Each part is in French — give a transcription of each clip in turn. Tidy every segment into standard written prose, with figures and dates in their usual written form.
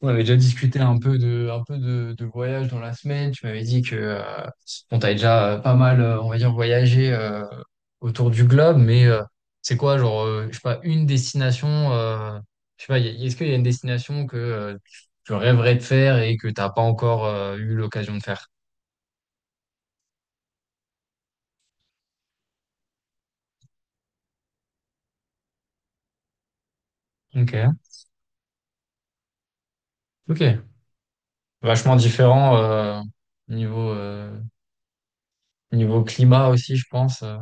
On avait déjà discuté de voyage dans la semaine. Tu m'avais dit que bon, t'avais déjà pas mal, on va dire, voyagé autour du globe, mais c'est quoi, genre, je sais pas, une destination, je sais pas, est-ce qu'il y a une destination que tu rêverais de faire et que t'as pas encore eu l'occasion de faire? Ok, ok. Vachement différent niveau euh, niveau climat aussi, je pense.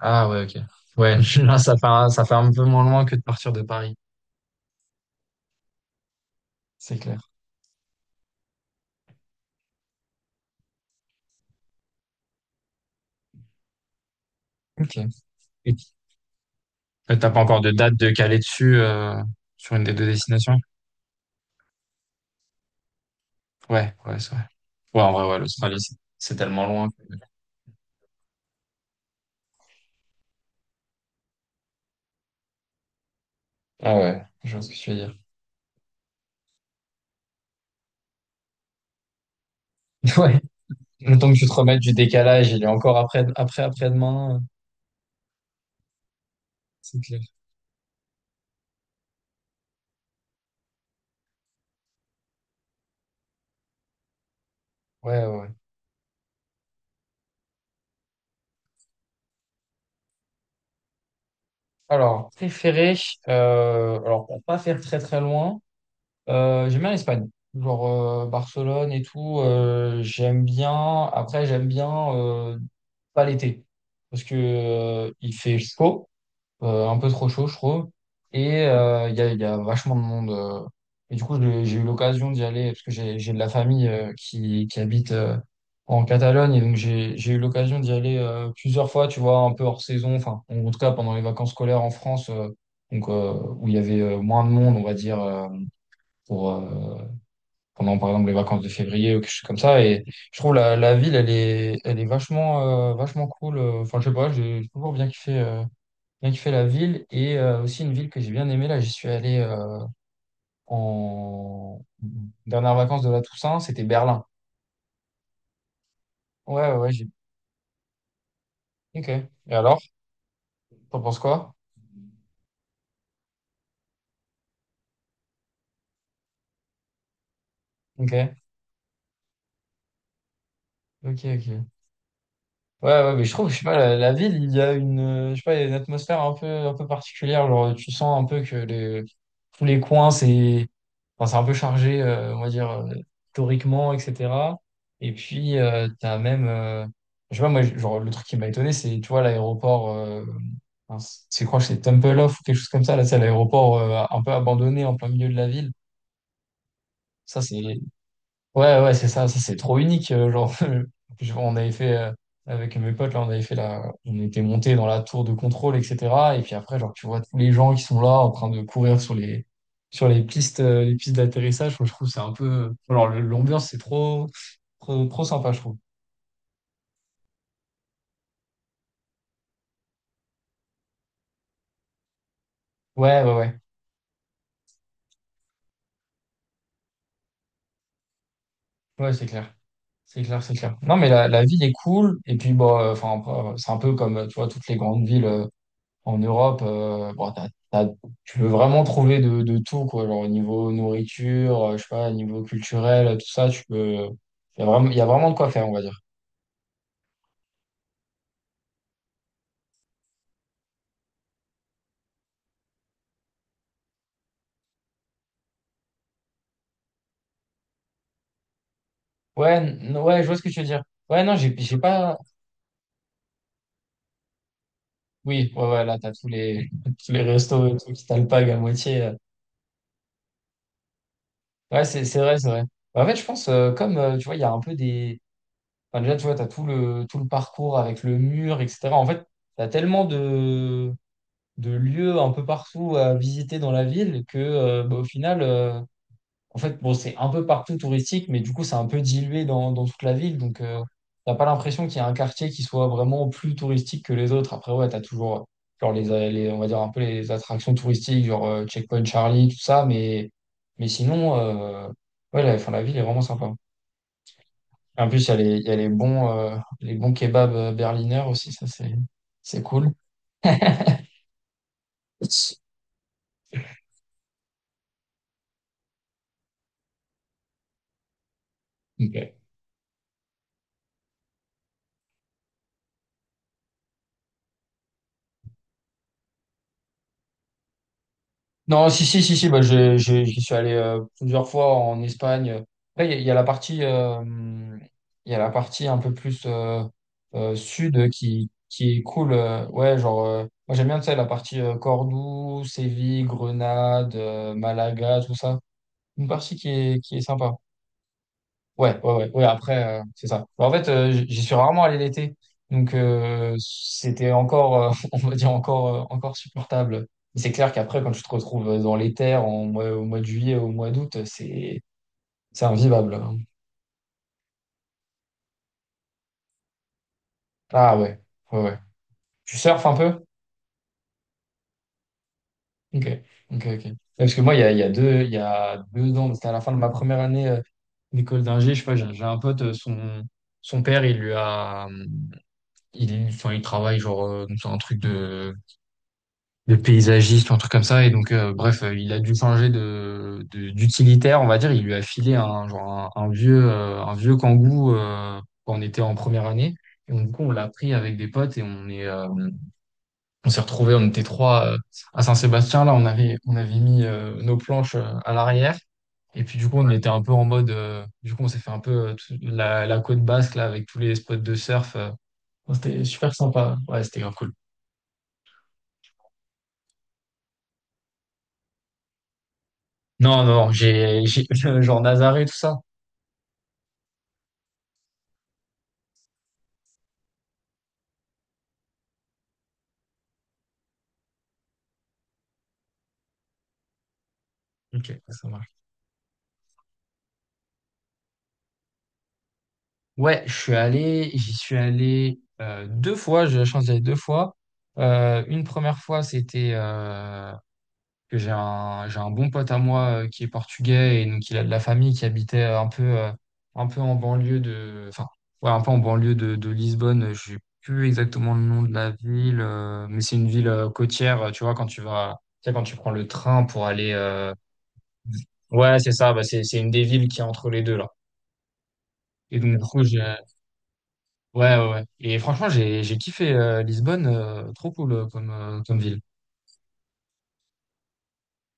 Ah ouais, ok. Ouais, là, ça fait ça fait un peu moins loin que de partir de Paris. C'est clair. Ok. Et t'as pas encore de date de caler dessus sur une des deux destinations? Ouais, ouais, c'est vrai. Ouais, en vrai, ouais, l'Australie, c'est tellement loin. Ah ouais, je vois ce que tu veux dire. Ouais, le temps que tu te remettes du décalage, il est encore après, après, après-demain. C'est clair. Ouais, ouais, ouais. Alors, préféré, alors pour pas faire très très loin, j'aime bien l'Espagne. Genre Barcelone et tout, j'aime bien. Après, j'aime bien euh, pas l'été. Parce que il fait chaud. Un peu trop chaud, je trouve. Et il y a vachement de monde. Et du coup, j'ai eu l'occasion d'y aller parce que j'ai de la famille qui habite en Catalogne. Et donc, j'ai eu l'occasion d'y aller plusieurs fois, tu vois, un peu hors saison. Enfin, en tout cas, pendant les vacances scolaires en France, donc, où il y avait moins de monde, on va dire, pour, pendant, par exemple, les vacances de février ou quelque chose comme ça. Et je trouve la ville, elle est vachement, vachement cool. Enfin, je sais pas, j'ai toujours bien kiffé. Bien kiffé la ville et aussi une ville que j'ai bien aimée. Là, j'y suis allé en dernière vacances de la Toussaint, c'était Berlin. Ouais, ouais, ouais, j'ai. Ok. Et alors, t'en penses quoi? Ok. Ok, ok. Ouais, ouais, mais je trouve, je sais pas, la ville, il y a une, je sais pas, il y a une atmosphère un peu particulière. Genre, tu sens un peu que tous les coins, c'est, enfin, c'est un peu chargé, on va dire, historiquement, etc. Et puis, t'as même, je sais pas, moi, genre, le truc qui m'a étonné, c'est, tu vois, l'aéroport, enfin, c'est quoi, c'est Temple Off ou quelque chose comme ça, là, c'est l'aéroport, un peu abandonné en plein milieu de la ville. Ça, c'est. Ouais, ouais, c'est ça, ça c'est trop unique. Genre, on avait fait avec mes potes, là, on était monté dans la tour de contrôle, etc. Et puis après, genre, tu vois tous les gens qui sont là en train de courir sur les pistes, les pistes d'atterrissage. Moi, je trouve que c'est un peu, alors l'ambiance c'est trop, trop, trop sympa, je trouve. Ouais, ouais, ouais, ouais, c'est clair, c'est clair, c'est clair. Non, mais la ville est cool. Et puis bon, enfin, c'est un peu comme, tu vois, toutes les grandes villes. En Europe, bon, tu peux vraiment trouver de tout, quoi. Genre, au niveau nourriture, je sais pas, au niveau culturel, tout ça, tu peux. Il y a vraiment de quoi faire, on va dire. Ouais, ouais, je vois ce que tu veux dire. Ouais, non, j'ai pas. Oui, ouais, ouais, là, t'as tous les, tous les restos et tout qui t'alpaguent à moitié. Ouais, c'est vrai, c'est vrai. En fait, je pense, comme, tu vois, il y a un peu des. Enfin, déjà, tu vois, t'as tout le parcours avec le mur, etc. En fait, t'as tellement de lieux un peu partout à visiter dans la ville que, bah, au final, en fait, bon, c'est un peu partout touristique, mais du coup, c'est un peu dilué dans toute la ville. Donc, t'as pas l'impression qu'il y a un quartier qui soit vraiment plus touristique que les autres. Après, ouais, t'as toujours, genre, on va dire un peu les attractions touristiques, genre Checkpoint Charlie, tout ça, mais sinon, ouais, la, enfin, la ville est vraiment sympa. En plus, il y a les bons, les bons kebabs berliner aussi, ça, c'est cool. Ok. Non, si, si, si, si, bah, j'y suis allé plusieurs fois en Espagne. Après, il y a la partie, il y a la partie un peu plus sud qui est cool. Ouais, genre, moi j'aime bien, tu sais, la partie Cordoue, Séville, Grenade, Malaga, tout ça. Une partie qui est sympa. Ouais, ouais, ouais, ouais, après, c'est ça. Bah, en fait, j'y suis rarement allé l'été, donc c'était encore, on va dire, encore supportable. Mais c'est clair qu'après, quand tu te retrouves dans les terres au mois de juillet, au mois d'août, c'est invivable. Hein. Ah ouais, ouais, ouais. Tu surfes un peu? Ok, ok, ok. Ouais, parce que moi, il y a deux ans, c'était à la fin de ma première année d'école d'ingé, je sais pas, j'ai un pote, son père, il, enfin, il travaille genre dans un truc de paysagiste ou un truc comme ça. Et donc, bref, il a dû changer d'utilitaire, on va dire. Il lui a filé genre un vieux Kangoo quand on était en première année. Et donc, du coup, on l'a pris avec des potes et on s'est retrouvés, on était trois à Saint-Sébastien. Là, on avait mis nos planches à l'arrière. Et puis, du coup, on était un peu en mode, du coup, on s'est fait un peu la côte basque, là, avec tous les spots de surf. C'était super sympa. Ouais, c'était grave cool. Non, non, j'ai, genre Nazaré, tout ça. Ok, ça marche. Ouais, j'y suis allé deux fois, j'ai eu la chance d'y aller deux fois. Une première fois, c'était que j'ai un bon pote à moi qui est portugais et donc il a de la famille qui habitait un peu en banlieue de, enfin, ouais, un peu en banlieue de Lisbonne. Je sais plus exactement le nom de la ville, mais c'est une ville côtière, tu vois, quand tu vas, tu sais, quand tu prends le train pour aller, ouais, c'est ça, bah, c'est une des villes qui est entre les deux là. Et donc, du coup, j'ai. Ouais, ouais, ouais. Et franchement, j'ai kiffé Lisbonne, trop cool comme ville.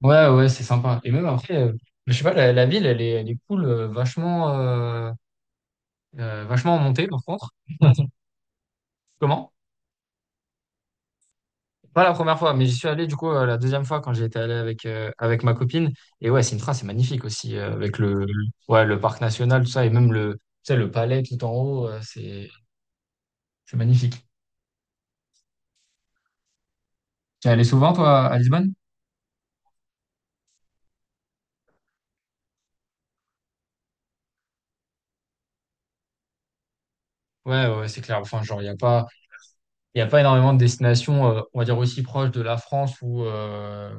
Ouais, ouais, c'est sympa. Et même après, je sais pas, la ville, elle est cool, vachement en montée, par contre. Comment? Pas la première fois, mais j'y suis allé du coup la deuxième fois quand j'étais allé avec, avec ma copine. Et ouais, Sintra, c'est magnifique aussi, avec le, ouais, le parc national, tout ça, et même le, tu sais, le palais tout en haut, c'est magnifique. Tu es allé souvent, toi, à Lisbonne? Ouais, ouais, c'est clair. Enfin, genre, il a pas. Il n'y a pas énormément de destinations, on va dire, aussi proches de la France où,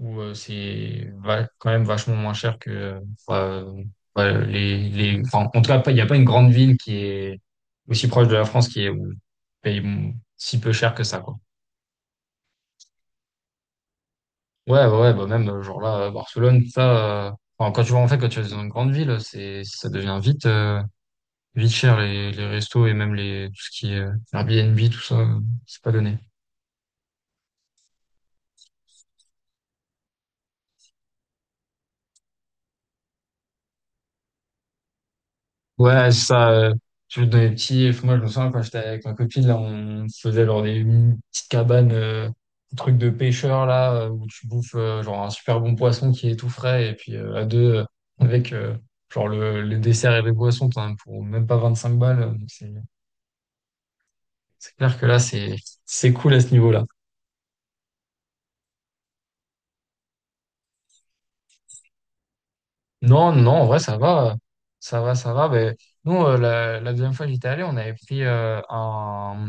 où quand même vachement moins cher que euh, ouais, enfin, en tout cas, il n'y a pas une grande ville qui est aussi proche de la France qui est où paye si peu cher que ça, quoi. Ouais, ouais, ouais, bah même, genre là, à Barcelone, enfin, quand tu vas, en fait, quand tu vas dans une grande ville, ça devient vite cher, les restos et même les, tout ce qui est Airbnb, tout ça, c'est pas donné. Ouais, c'est ça. Tu veux donner petit. Moi, je me souviens quand j'étais avec ma copine, là, on se faisait genre des petites cabanes, des trucs de pêcheur, là, où tu bouffes genre un super bon poisson qui est tout frais. Et puis à deux, avec genre le dessert et les boissons, t'en as pour même pas 25 balles. Donc, c'est clair que là, c'est cool à ce niveau-là. Non, non, en vrai, ça va. Ça va, ça va. Ben, nous, la deuxième fois que j'étais allé, on avait pris un,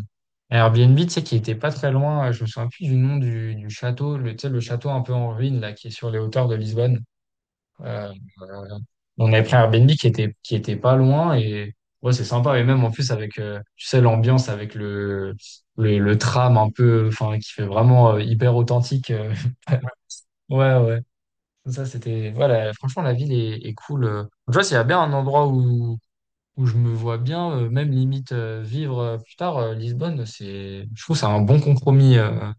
un Airbnb, tu sais, qui était pas très loin. Je me souviens plus du nom du château, le, tu sais, le château un peu en ruine, là, qui est sur les hauteurs de Lisbonne. Euh, euh, on avait pris un Airbnb qui était pas loin et ouais, c'est sympa. Et même, en plus, avec, tu sais, l'ambiance avec le, le tram un peu, enfin, qui fait vraiment hyper authentique. Ouais, ouais. Ça, c'était. Voilà, franchement, la ville est cool. Tu vois, s'il y a bien un endroit où je me vois bien, même limite vivre plus tard, Lisbonne, c'est. Je trouve que c'est un bon compromis. euh.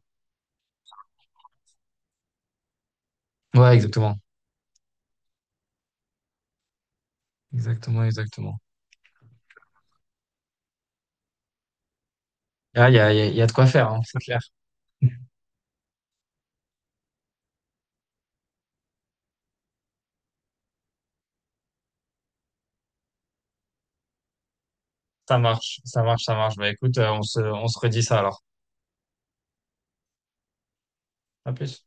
euh. Ouais, exactement. Exactement, exactement. Ah, il y a, il y a, il y a de quoi faire, hein, c'est clair. Ça marche, ça marche, ça marche. Bah écoute, on se redit ça alors. À plus.